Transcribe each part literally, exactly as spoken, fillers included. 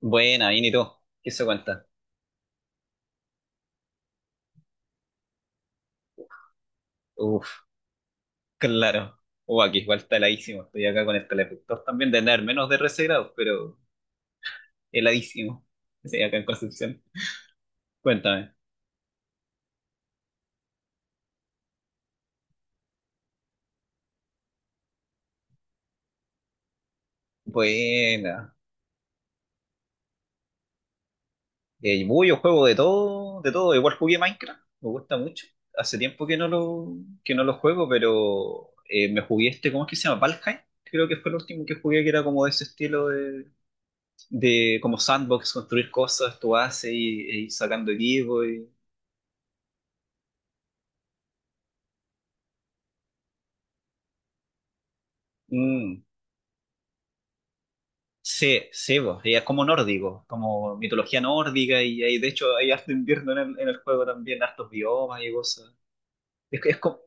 Buena, bien, ¿y tú? ¿Qué se cuenta? Uf, claro. Uh, aquí igual está heladísimo. Estoy acá con el calefactor también, de tener menos de trece grados, pero heladísimo. Sí, acá en Concepción. Cuéntame. Buena. Eh, uy, yo juego de todo, de todo. Igual jugué Minecraft, me gusta mucho. Hace tiempo que no lo, que no lo juego, pero eh, me jugué este, ¿cómo es que se llama? Valheim. Creo que fue el último que jugué, que era como de ese estilo de, de como sandbox, construir cosas, tú haces y, y sacando equipo y... Mm. Sí, sí, po, y es como nórdico, como mitología nórdica, y hay- de hecho hay harto invierno en el, en el juego también, hartos biomas y cosas. Es, que- es como,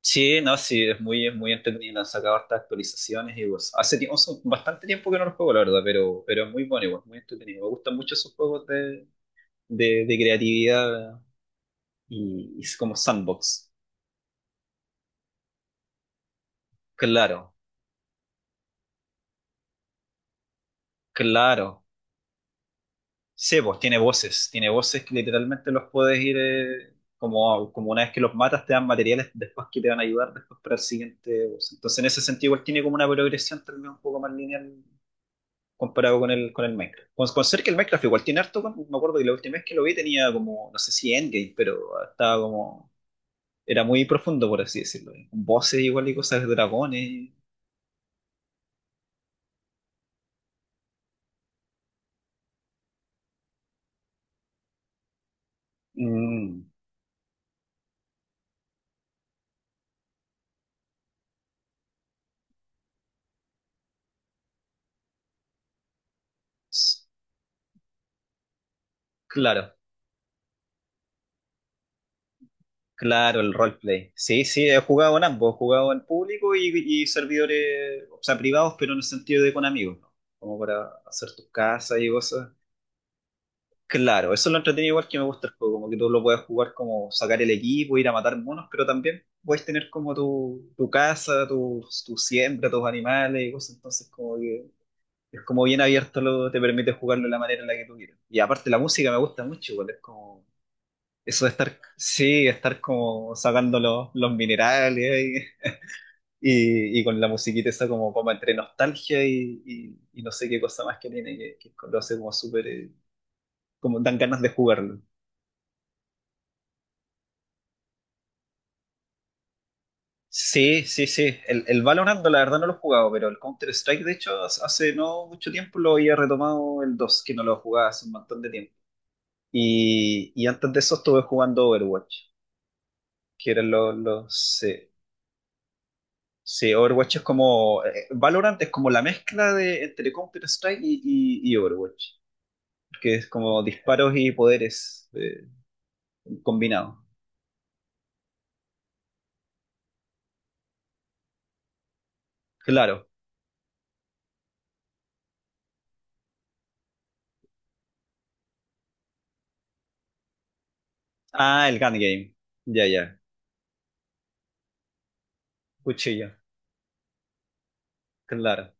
sí, no, sí, es muy, es muy entretenido, han sacado hartas actualizaciones y cosas. Hace tiempo, hace bastante tiempo que no lo juego, la verdad, pero, pero es muy bueno igual, muy entretenido. Me gustan mucho esos juegos de, de, de creatividad y, y como sandbox. Claro, claro. Sí, pues tiene voces, tiene voces que literalmente los puedes ir, eh, como, como una vez que los matas te dan materiales después que te van a ayudar después para el siguiente boss. Entonces en ese sentido igual tiene como una progresión también un poco más lineal comparado con el, con el Minecraft. Con, con ser que el Minecraft igual tiene harto, con- me acuerdo que la última vez que lo vi tenía como, no sé si endgame, pero estaba como, era muy profundo por así decirlo. Voces igual y cosas de dragones. Mm, s- claro. Claro, el roleplay. Sí, sí, he jugado en ambos, he jugado en público y, y servidores, o sea, privados, pero en el sentido de con amigos, ¿no? Como para hacer tus casas y cosas. Claro, eso es lo entretenido igual que me gusta el juego, como que tú lo puedes jugar como sacar el equipo, ir a matar monos, pero también puedes tener como tu, tu casa, tu, tu siembra, tus animales y cosas, entonces como que es como bien abierto, lo, te permite jugarlo de la manera en la que tú quieras. Y aparte la música me gusta mucho, igual es como eso de estar, sí, estar como sacando los, los minerales y, y, y con la musiquita esa como, como entre nostalgia y, y- y no sé qué cosa más que tiene, que, que lo hace como súper, eh, como dan ganas de jugarlo. Sí, sí, sí. El, el Valorant, la verdad, no lo he jugado, pero el Counter-Strike, de hecho, hace hace no mucho tiempo lo había retomado el dos que no lo jugaba hace un montón de tiempo. Y, y antes de eso estuve jugando Overwatch, que eran los, los, sí. Sí, Overwatch es como. eh, Valorant es como la mezcla de entre Counter-Strike y, y- y Overwatch. Que es como disparos y poderes eh, combinados. Claro. Ah, el Gun Game. Ya, ya. Cuchillo. Claro,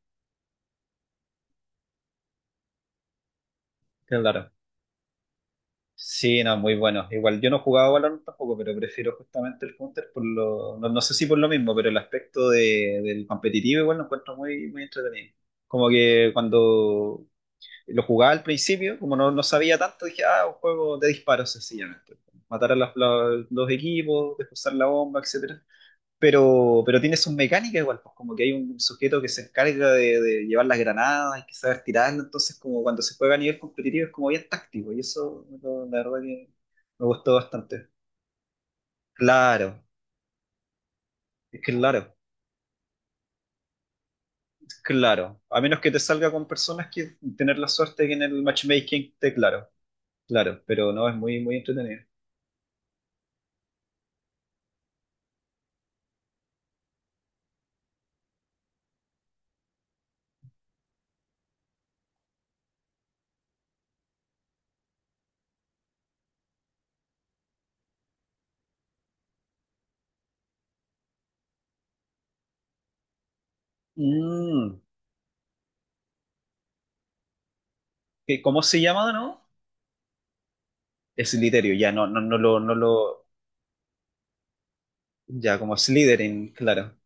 claro. Sí, no, muy bueno. Igual yo no jugaba Valorant tampoco, pero prefiero justamente el Counter por lo. No, no sé si por lo mismo, pero el aspecto de- del competitivo igual lo encuentro muy, muy entretenido. Como que cuando lo jugaba al principio, como no, no sabía tanto, dije, ah, un juego de disparos sencillamente. Matar a los, los, los equipos, desposar la bomba, etcétera. Pero, pero tiene sus mecánicas igual, pues como que hay un sujeto que se encarga de, de llevar las granadas, hay que saber tirarlas, entonces como cuando se juega a nivel competitivo es como bien táctico, y eso lo- la verdad que me gustó bastante. Claro, es que claro. es claro, a menos que te salga con personas que tener la suerte que en el matchmaking te claro, claro, pero no es muy muy entretenido. Mm, ¿Qué- ¿cómo se llama, no? Slytherin, ya, no, no, no lo, no lo, ya, como Slytherin, claro.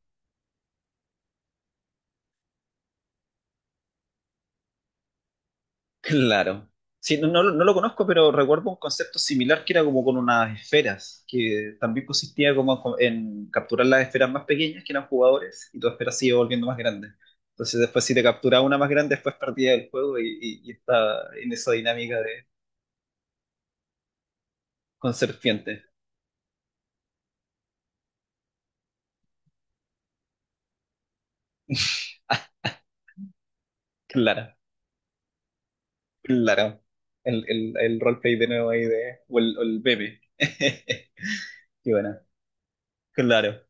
Claro. Sí, no, no, lo no lo conozco, pero recuerdo un concepto similar que era como con unas esferas, que también consistía como co- en capturar las esferas más pequeñas, que eran jugadores, y tu esfera se iba volviendo más grande. Entonces después si te capturaba una más grande, después perdía el juego y, y, y estaba en esa dinámica de con serpientes. Claro, claro. El, el, el roleplay de nuevo ahí de, o el, o el meme. Qué buena. Claro.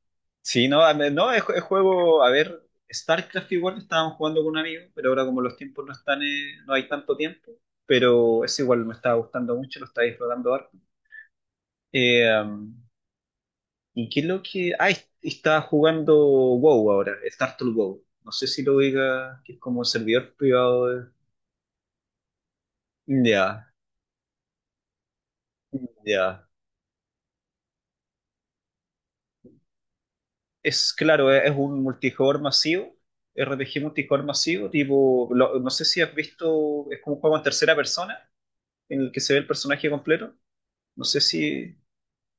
Sí, no, a- no, es, es juego, a ver, StarCraft igual estábamos jugando con un amigo, pero ahora como los tiempos no están, eh, no hay tanto tiempo, pero es igual me estaba gustando mucho, lo estaba disfrutando harto. Eh, um, ¿y qué es lo que...? Ah, es- estaba jugando WoW ahora, Startle WoW. No sé si lo diga, que es como servidor privado de... Ya, ya. Es claro, es, es un multijugador masivo, R P G multijugador masivo, tipo, lo- no sé si has visto, es como un juego en tercera persona en el que se ve el personaje completo. No sé si,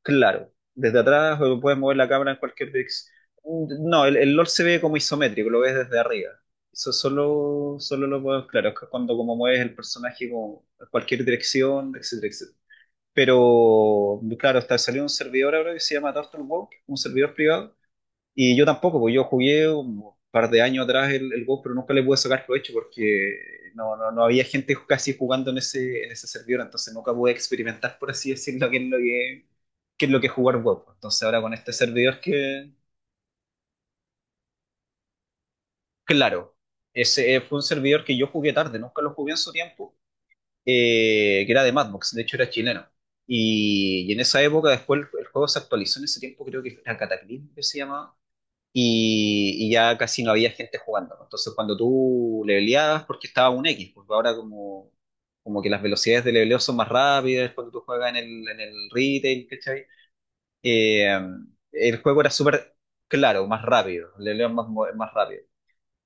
claro, desde atrás o puedes mover la cámara en cualquier dirección. No, el, el LOL se ve como isométrico, lo ves desde arriba. Eso solo, solo lo puedo, claro, es que cuando como mueves el personaje como a cualquier dirección, etcétera, etcétera. Pero, claro, está salió un servidor ahora que se llama Turtle Walk, un servidor privado, y yo tampoco, porque yo jugué un par de años atrás el, el WoW, pero nunca le pude sacar provecho porque no, no, no había gente casi jugando en ese, en ese servidor, entonces nunca pude experimentar, por así decirlo, qué es lo que, qué es lo que es jugar WoW. Entonces ahora con este servidor que, claro, ese eh, fue un servidor que yo jugué tarde, nunca lo jugué en su tiempo, eh, que era de Madbox, de hecho era chileno. Y, y en esa época después el, el juego se actualizó en ese tiempo, creo que era Cataclysm que se llamaba y, y ya casi no había gente jugando. Entonces, cuando tú leveleabas, porque estaba un X, porque ahora como, como que las velocidades de leveleo son más rápidas cuando tú juegas en el, en el retail, ¿cachai? Eh, el juego era súper claro, más rápido, el leveleo es más, mo- más rápido.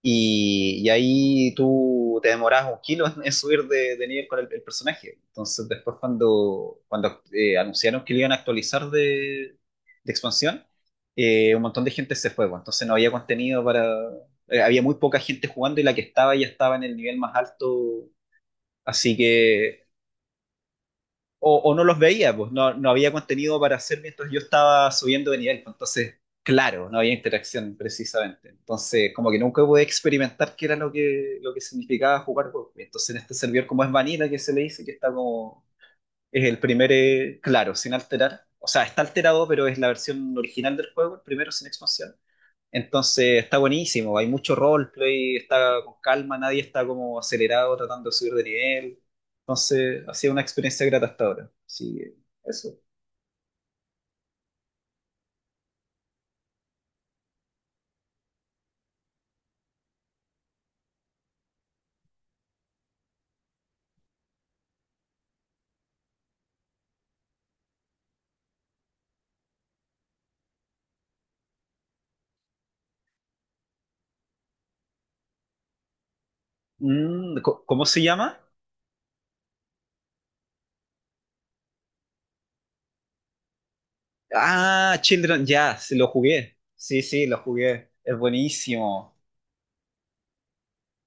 Y, y ahí tú te demoras un kilo en, en subir de, de nivel con el, el personaje. Entonces, después, cuando, cuando eh, anunciaron que lo iban a actualizar de, de expansión, eh, un montón de gente se fue, pues. Entonces, no había contenido para. Eh, había muy poca gente jugando y la que estaba ya estaba en el nivel más alto. Así que o, o no los veía, pues no, no había contenido para hacer mientras yo estaba subiendo de nivel, pues. Entonces, claro, no había interacción precisamente. Entonces, como que nunca pude experimentar qué era lo que, lo que significaba jugar juegos. Entonces, en este servidor, como es vanilla, que se le dice que está como. Es el primer, eh, claro, sin alterar. O sea, está alterado, pero es la versión original del juego, el primero sin expansión. Entonces está buenísimo, hay mucho roleplay, está con calma, nadie está como acelerado tratando de subir de nivel. Entonces ha sido una experiencia grata hasta ahora. Así que eso. Mm, co- ¿cómo se llama? Ah, Children, ya, sí, lo jugué. Sí, sí, lo jugué. Es buenísimo.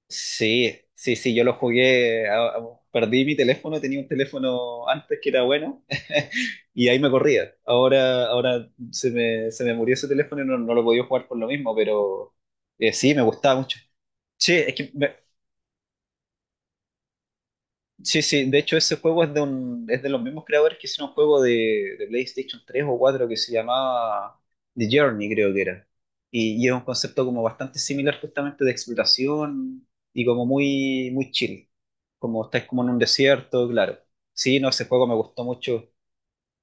Sí, sí, sí, yo lo jugué, a- a- perdí mi teléfono, tenía un teléfono antes que era bueno y ahí me corría. Ahora, ahora se me, se me murió ese teléfono y no, no lo podía jugar por lo mismo, pero eh, sí, me gustaba mucho. Sí, es que me, Sí, sí, de hecho ese juego es de un, es de los mismos creadores que hicieron un juego de, de PlayStation tres o cuatro que se llamaba The Journey, creo que era. Y, y es un concepto como bastante similar justamente de exploración y como muy, muy chill. Como estáis como en un desierto, claro. Sí, no, ese juego me gustó mucho.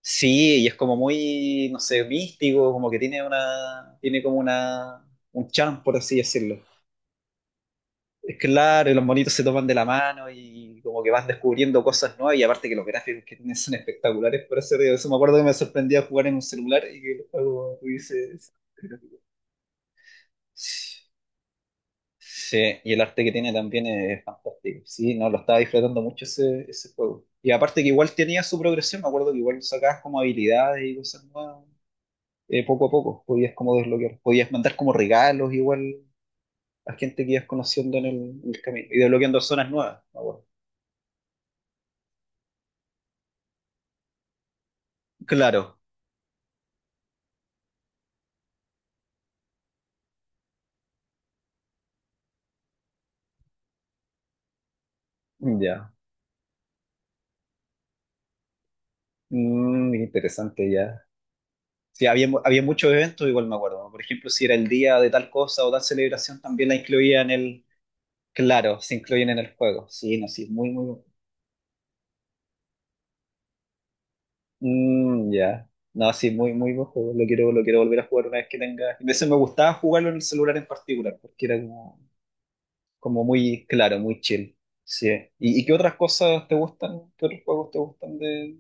Sí, y es como muy, no sé, místico, como que tiene una, tiene como una, un charm, por así decirlo. Es Claro, y los monitos se toman de la mano y como que vas descubriendo cosas nuevas y aparte que los gráficos que tienen son espectaculares, por eso, digo, eso me acuerdo que me sorprendía jugar en un celular y que el juego tuviese... ese gráfico. Sí, y el arte que tiene también es fantástico. Sí, no, lo estaba disfrutando mucho ese, ese juego. Y aparte que igual tenía su progresión, me acuerdo que igual sacabas como habilidades y cosas nuevas, eh, poco a poco, podías como desbloquear, podías mandar como regalos igual a gente que ibas conociendo en el, en el camino y desbloqueando zonas nuevas, me acuerdo. Claro. Ya. Mm, interesante, ya. Sí, había, mu- había muchos eventos, igual me acuerdo, ¿no? Por ejemplo, si era el día de tal cosa o tal celebración, también la incluían en el... Claro, se incluyen en el juego. Sí, no, sí, muy, muy... bu- mm, ya. No, sí, muy, muy buen juego. Lo quiero, lo quiero volver a jugar una vez que tenga... A veces me gustaba jugarlo en el celular en particular, porque era como, como muy claro, muy chill. Sí. ¿Y, y qué otras cosas te gustan? ¿Qué otros juegos te gustan de...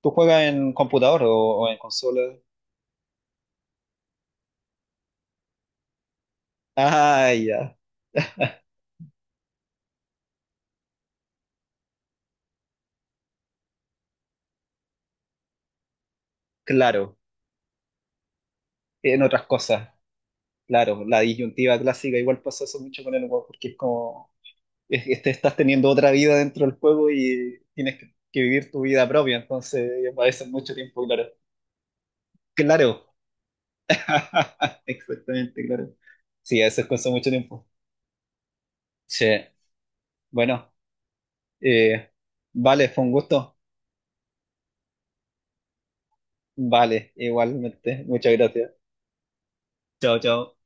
¿Tú juegas en computador o, o en consola? Ah, ya. Claro. En otras cosas. Claro, la disyuntiva clásica igual pasa eso mucho con el humor, porque es como, es- es- te estás teniendo otra vida dentro del juego y tienes que, que vivir tu vida propia, entonces a veces mucho tiempo, claro. Claro, exactamente, claro. Sí, a veces cuesta mucho tiempo. Sí, bueno, eh, vale, fue un gusto. Vale, igualmente. Muchas gracias. Chao, chao.